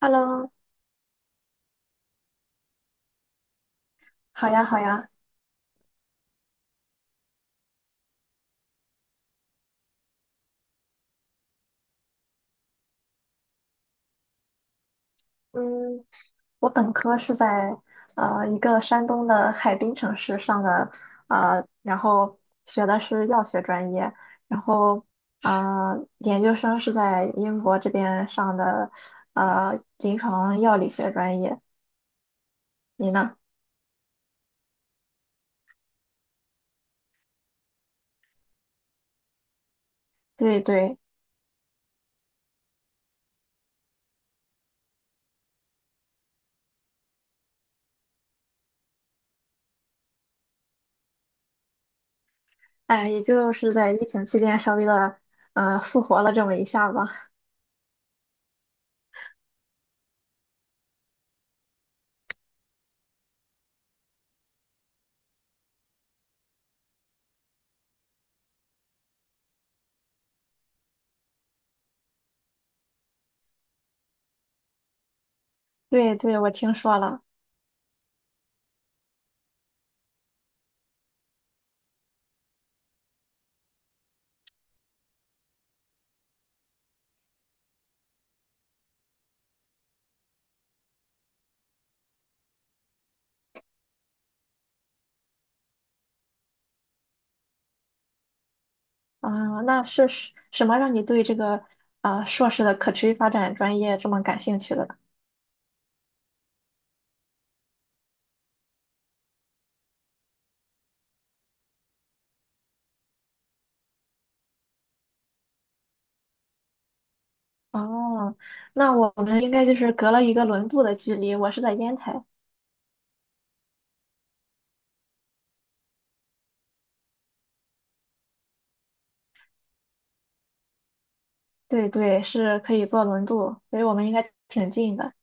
Hello，好呀，好呀。嗯，我本科是在一个山东的海滨城市上的。然后学的是药学专业，然后研究生是在英国这边上的，呃临床药理学专业。你呢？对对。哎，也就是在疫情期间稍微的复活了这么一下吧。对对，我听说了。啊，那是什么让你对这个啊、硕士的可持续发展专业这么感兴趣的？哦，那我们应该就是隔了一个轮渡的距离，我是在烟台。对对，是可以坐轮渡，所以我们应该挺近的。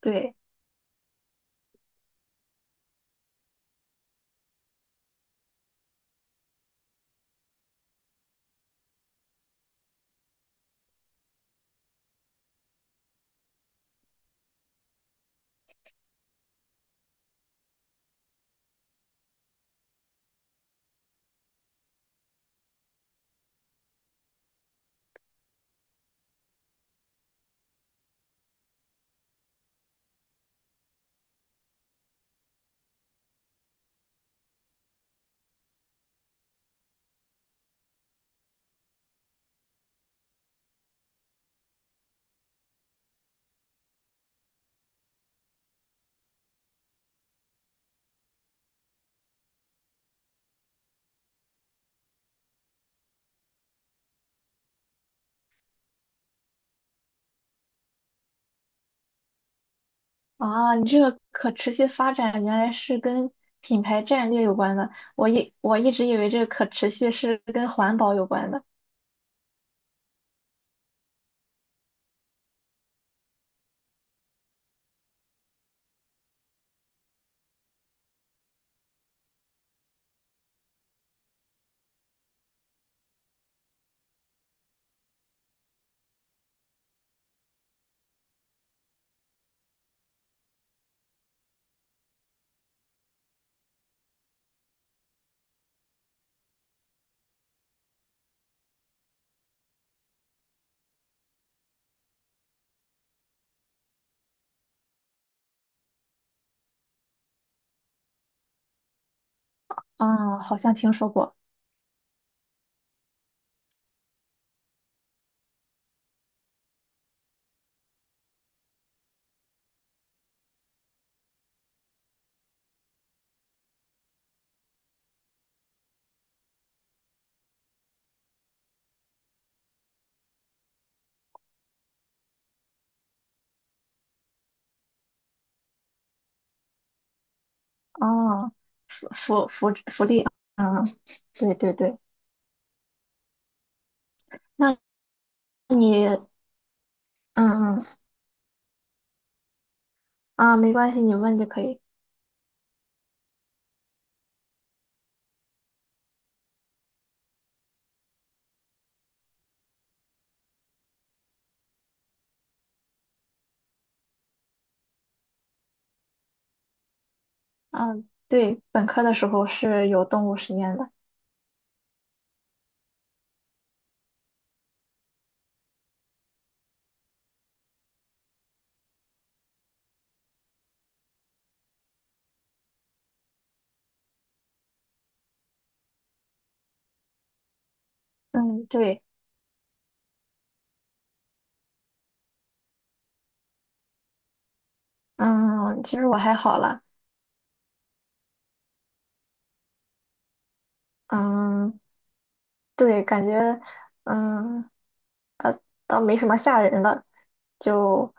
对。啊，你这个可持续发展原来是跟品牌战略有关的，我一直以为这个可持续是跟环保有关的。啊，好像听说过。啊，福利，啊，对对对。那。你嗯嗯啊，没关系，你问就可以。嗯，对，本科的时候是有动物实验的。嗯，对。嗯，其实我还好了。嗯，对，感觉嗯倒没什么吓人的。就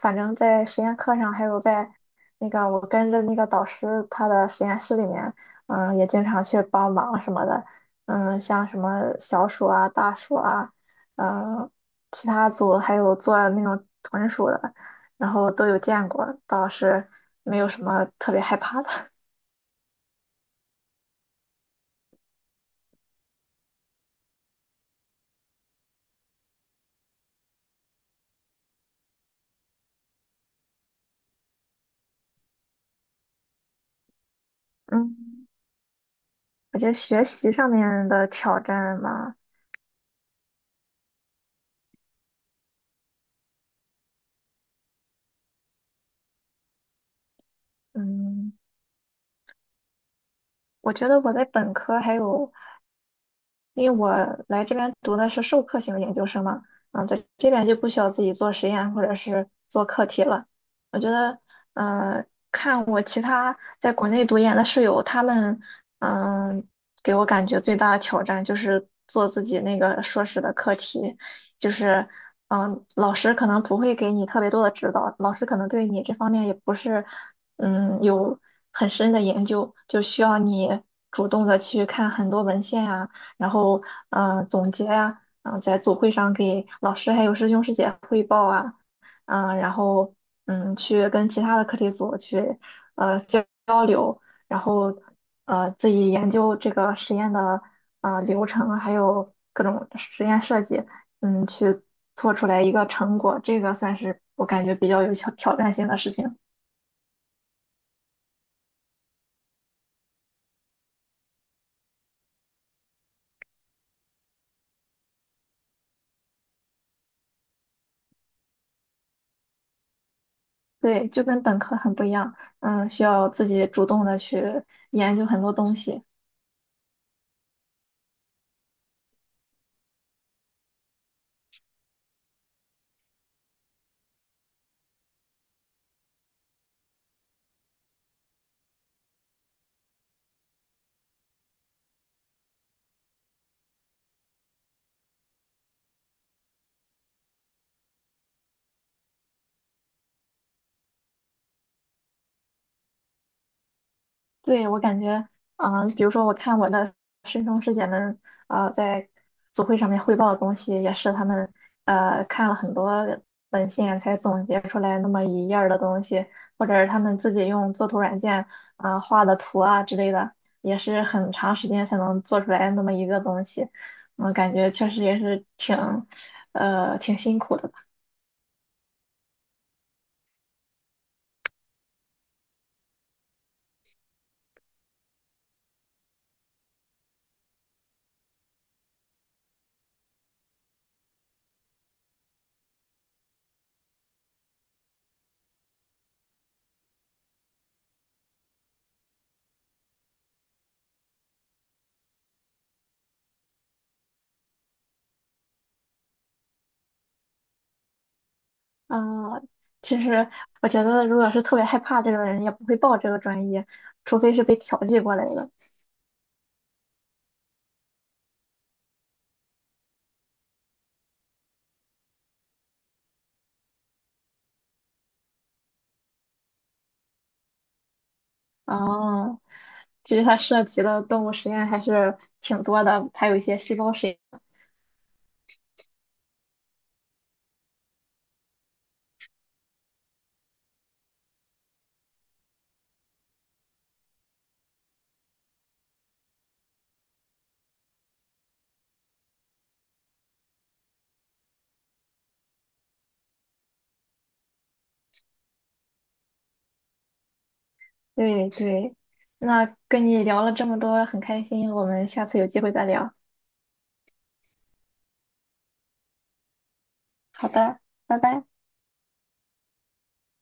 反正在实验课上，还有在那个我跟着那个导师他的实验室里面，嗯，也经常去帮忙什么的。嗯，像什么小鼠啊、大暑啊，嗯，其他组还有做那种豚鼠的，然后都有见过，倒是没有什么特别害怕的。嗯，我觉得学习上面的挑战嘛，嗯，我觉得我在本科还有因为我来这边读的是授课型研究生嘛，嗯，在这边就不需要自己做实验或者是做课题了。我觉得，呃，看我其他在国内读研的室友，他们，嗯、给我感觉最大的挑战就是做自己那个硕士的课题。就是，嗯、老师可能不会给你特别多的指导，老师可能对你这方面也不是，嗯，有很深的研究，就需要你主动的去看很多文献啊。然后总结啊，嗯、在组会上给老师还有师兄师姐汇报啊，嗯、然后嗯去跟其他的课题组去交流，然后呃自己研究这个实验的呃流程，还有各种实验设计，嗯去做出来一个成果，这个算是我感觉比较有挑战性的事情。对，就跟本科很不一样，嗯，需要自己主动的去研究很多东西。对，我感觉，嗯、比如说我看我的师兄师姐们，呃，在组会上面汇报的东西，也是他们看了很多文献才总结出来那么一页儿的东西，或者是他们自己用作图软件啊、呃画的图啊之类的，也是很长时间才能做出来那么一个东西。我感觉确实也是挺，呃，挺辛苦的。嗯，其实我觉得，如果是特别害怕这个的人，也不会报这个专业，除非是被调剂过来的。哦，其实它涉及的动物实验还是挺多的，还有一些细胞实验。对对，那跟你聊了这么多，很开心，我们下次有机会再聊。好的，拜拜。